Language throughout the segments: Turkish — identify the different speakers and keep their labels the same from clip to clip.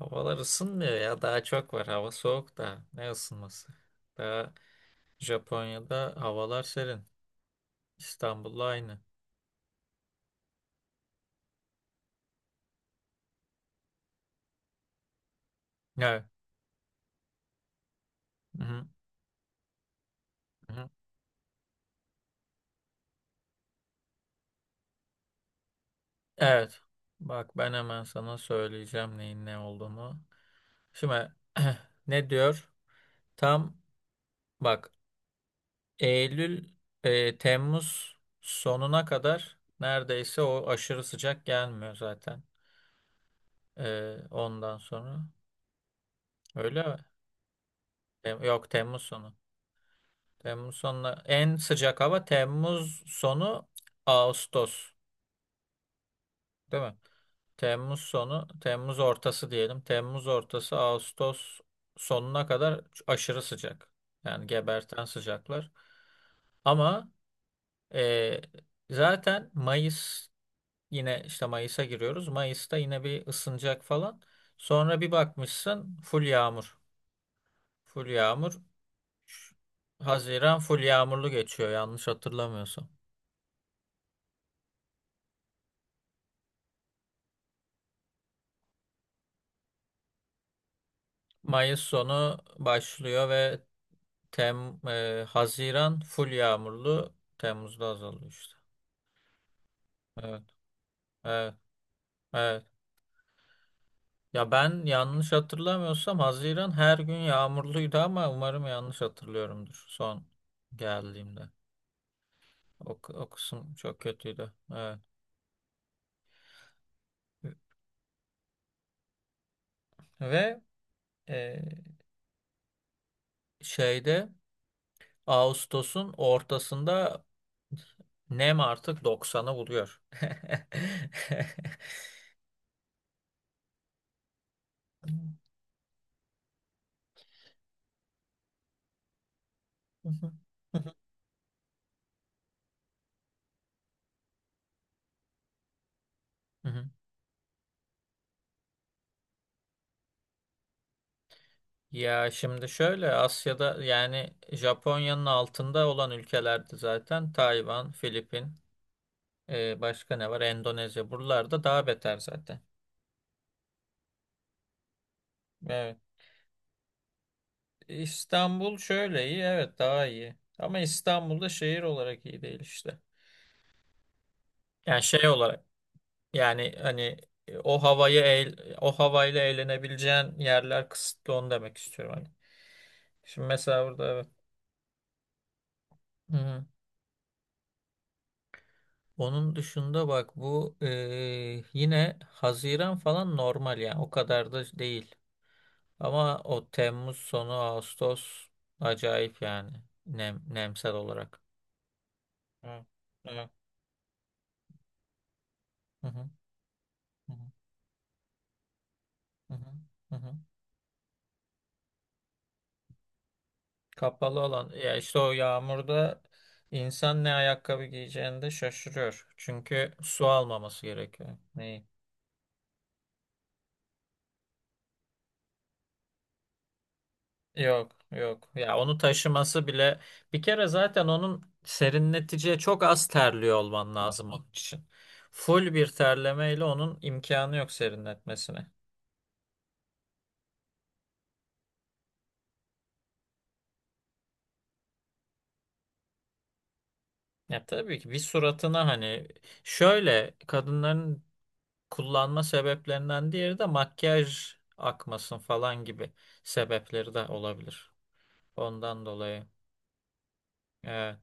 Speaker 1: Havalar ısınmıyor ya. Daha çok var. Hava soğuk da. Ne ısınması? Daha Japonya'da havalar serin. İstanbul'la aynı. Evet. Hı hı. Hı hı. Evet. Bak ben hemen sana söyleyeceğim neyin ne olduğunu. Şimdi ne diyor? Tam bak Eylül, Temmuz sonuna kadar neredeyse o aşırı sıcak gelmiyor zaten. Ondan sonra. Öyle mi? Yok, Temmuz sonu. Temmuz sonuna en sıcak hava Temmuz sonu Ağustos, değil mi? Temmuz sonu, Temmuz ortası diyelim. Temmuz ortası Ağustos sonuna kadar aşırı sıcak. Yani geberten sıcaklar. Ama e, zaten Mayıs yine işte Mayıs'a giriyoruz. Mayıs'ta yine bir ısınacak falan. Sonra bir bakmışsın full yağmur. Full yağmur. Haziran full yağmurlu geçiyor yanlış hatırlamıyorsam. Mayıs sonu başlıyor ve Haziran full yağmurlu, Temmuz'da azalıyor işte. Evet, evet, evet. Ya ben yanlış hatırlamıyorsam Haziran her gün yağmurluydu ama umarım yanlış hatırlıyorumdur son geldiğimde. O kısım çok kötüydü. Evet. Ve e, şeyde Ağustos'un ortasında nem artık 90'ı buluyor. Ya şimdi şöyle Asya'da yani Japonya'nın altında olan ülkelerde zaten Tayvan, Filipin, başka ne var? Endonezya buralarda daha beter zaten. Evet. İstanbul şöyle iyi, evet, daha iyi. Ama İstanbul'da şehir olarak iyi değil işte. Yani şey olarak yani hani o havayı o havayla eğlenebileceğin yerler kısıtlı onu demek istiyorum hani. Şimdi mesela burada, evet. Onun dışında bak bu yine Haziran falan normal yani o kadar da değil. Ama o Temmuz sonu Ağustos acayip yani nemsel olarak. Evet, evet. Hı hı, hı hı, hı hı, hı hı. Kapalı olan ya işte o yağmurda insan ne ayakkabı giyeceğini de şaşırıyor. Çünkü su almaması gerekiyor. Neyi? Yok yok, ya onu taşıması bile bir kere zaten onun serinleticiye çok az terliyor olman lazım onun için. Full bir terlemeyle onun imkanı yok serinletmesine. Ya tabii ki bir suratına hani şöyle kadınların kullanma sebeplerinden diğeri de makyaj akmasın falan gibi sebepleri de olabilir. Ondan dolayı. Evet.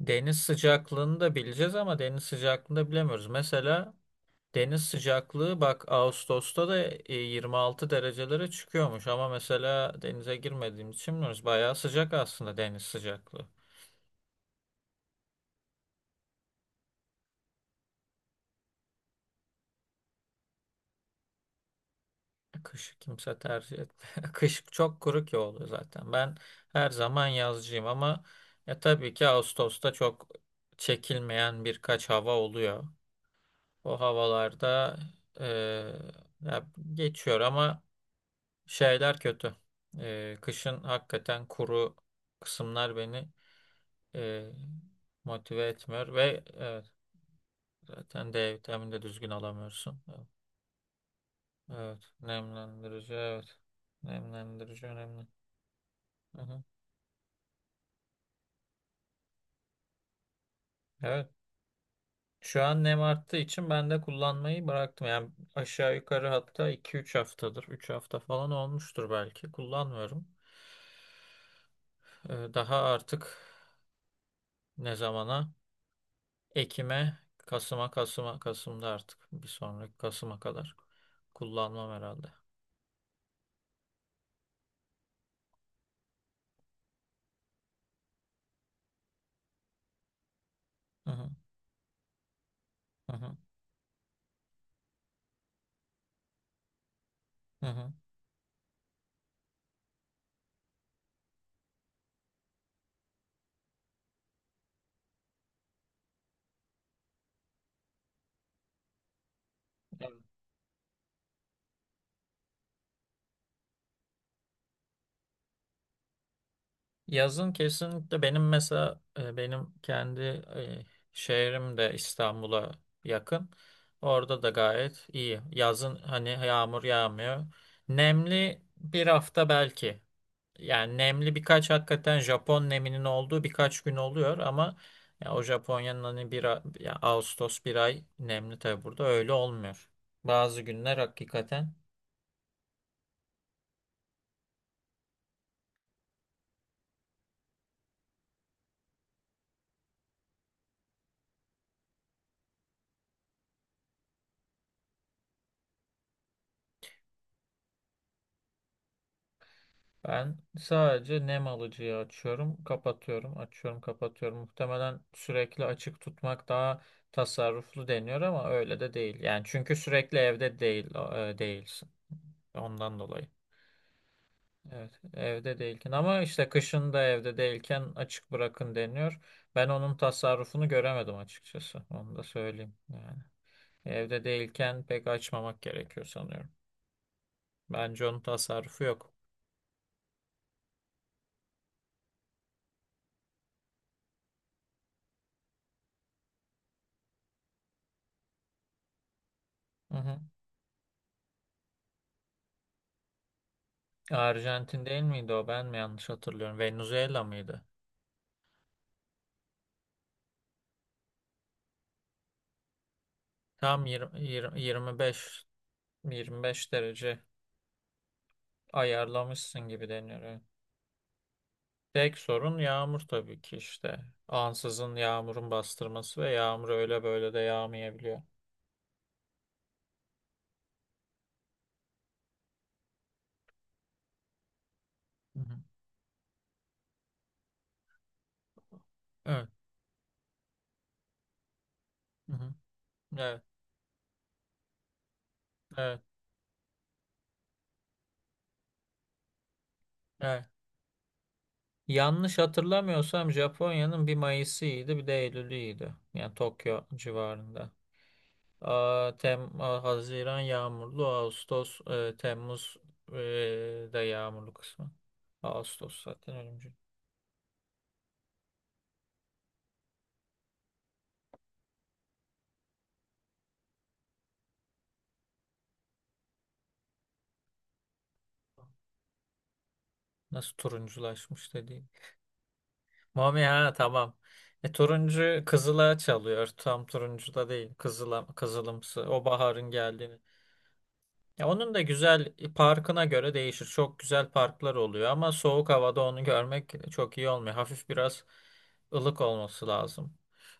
Speaker 1: Deniz sıcaklığını da bileceğiz ama deniz sıcaklığını da bilemiyoruz. Mesela deniz sıcaklığı bak Ağustos'ta da 26 derecelere çıkıyormuş ama mesela denize girmediğimiz için bilmiyoruz. Bayağı sıcak aslında deniz sıcaklığı. Kış kimse tercih etmiyor. Kış çok kuru ki oluyor zaten. Ben her zaman yazcıyım ama ya tabii ki Ağustos'ta çok çekilmeyen birkaç hava oluyor. O havalarda e, ya geçiyor ama şeyler kötü. Kışın hakikaten kuru kısımlar beni e, motive etmiyor ve evet zaten D vitamini de düzgün alamıyorsun. Evet. Nemlendirici, evet. Nemlendirici önemli. Hı hı. Evet. Şu an nem arttığı için ben de kullanmayı bıraktım. Yani aşağı yukarı hatta iki üç haftadır. Üç hafta falan olmuştur belki. Kullanmıyorum. Daha artık ne zamana? Ekim'e, Kasım'a, Kasım'da artık. Bir sonraki Kasım'a kadar kullanmam herhalde. Hı hı, hı hı, hı hı. Evet. Yazın kesinlikle benim mesela benim kendi şehrim de İstanbul'a yakın. Orada da gayet iyi. Yazın hani yağmur yağmıyor. Nemli bir hafta belki. Yani nemli birkaç hakikaten Japon neminin olduğu birkaç gün oluyor ama ya o Japonya'nın hani ya Ağustos bir ay nemli tabii burada öyle olmuyor. Bazı günler hakikaten. Ben sadece nem alıcıyı açıyorum, kapatıyorum, açıyorum, kapatıyorum. Muhtemelen sürekli açık tutmak daha tasarruflu deniyor ama öyle de değil. Yani çünkü sürekli evde değil e, değilsin. Ondan dolayı. Evet, evde değilken ama işte kışın da evde değilken açık bırakın deniyor. Ben onun tasarrufunu göremedim açıkçası. Onu da söyleyeyim yani. Evde değilken pek açmamak gerekiyor sanıyorum. Bence onun tasarrufu yok. Arjantin değil miydi o? Ben mi yanlış hatırlıyorum? Venezuela mıydı? Tam yirmi beş yirmi beş derece ayarlamışsın gibi deniyor, evet. Tek sorun yağmur tabii ki işte. Ansızın yağmurun bastırması ve yağmur öyle böyle de yağmayabiliyor. Hı hı. Evet. Hı hı. Evet. Evet. Evet. Yanlış hatırlamıyorsam Japonya'nın bir Mayıs'ıydı bir de Eylül'üydü. Yani Tokyo civarında. Aa, Haziran yağmurlu, Ağustos, Temmuz da yağmurlu kısmı. Ağustos zaten ölümcül. Nasıl turunculaşmış dediğim. Mami, ha, tamam. Turuncu kızıla çalıyor. Tam turuncu da değil. Kızıla, kızılımsı. O baharın geldiğini. Ya onun da güzel parkına göre değişir. Çok güzel parklar oluyor ama soğuk havada onu görmek çok iyi olmuyor. Hafif biraz ılık olması lazım.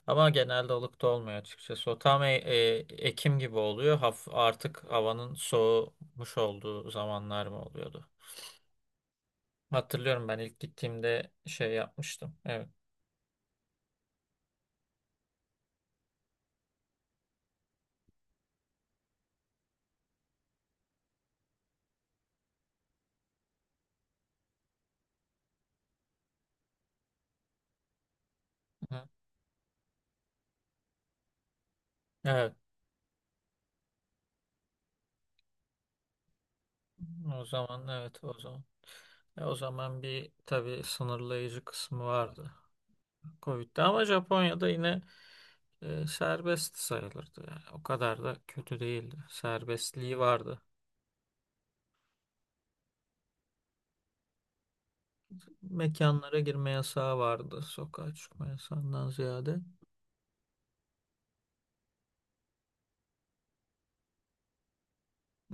Speaker 1: Ama genelde ılık da olmuyor açıkçası. O tam Ekim gibi oluyor. Artık havanın soğumuş olduğu zamanlar mı oluyordu? Hatırlıyorum ben ilk gittiğimde şey yapmıştım. Evet. Hı. Evet. O zaman, evet, o zaman. O zaman bir tabii sınırlayıcı kısmı vardı. Covid'de ama Japonya'da yine serbest sayılırdı yani. O kadar da kötü değildi. Serbestliği vardı. Mekanlara girme yasağı vardı. Sokağa çıkma yasağından ziyade.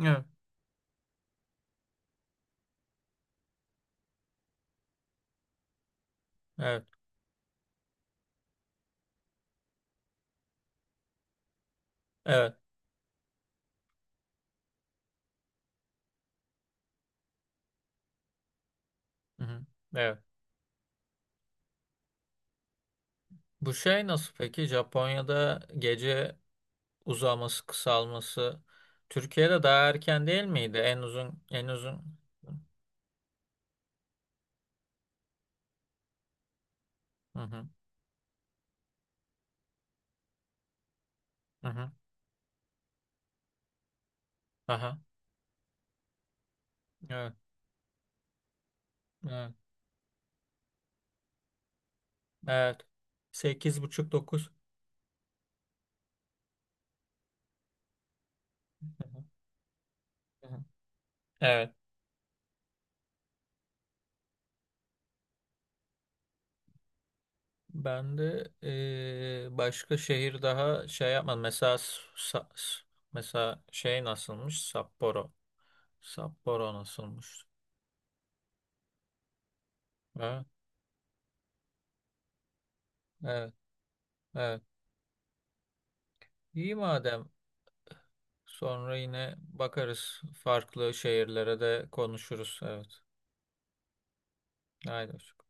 Speaker 1: Evet, evet, evet. Hı-hı. Evet. Bu şey nasıl peki? Japonya'da gece uzaması, kısalması Türkiye'de daha erken değil miydi? En uzun, en uzun. Hı-hı. Hı-hı. Aha. Evet, evet, evet. 8:30-9. Evet. Ben de başka şehir daha şey yapmadım. Mesela mesela şey nasılmış? Sapporo. Sapporo nasılmış? Ha? Evet, evet. İyi madem. Sonra yine bakarız. Farklı şehirlere de konuşuruz. Evet. Haydi. Hoşça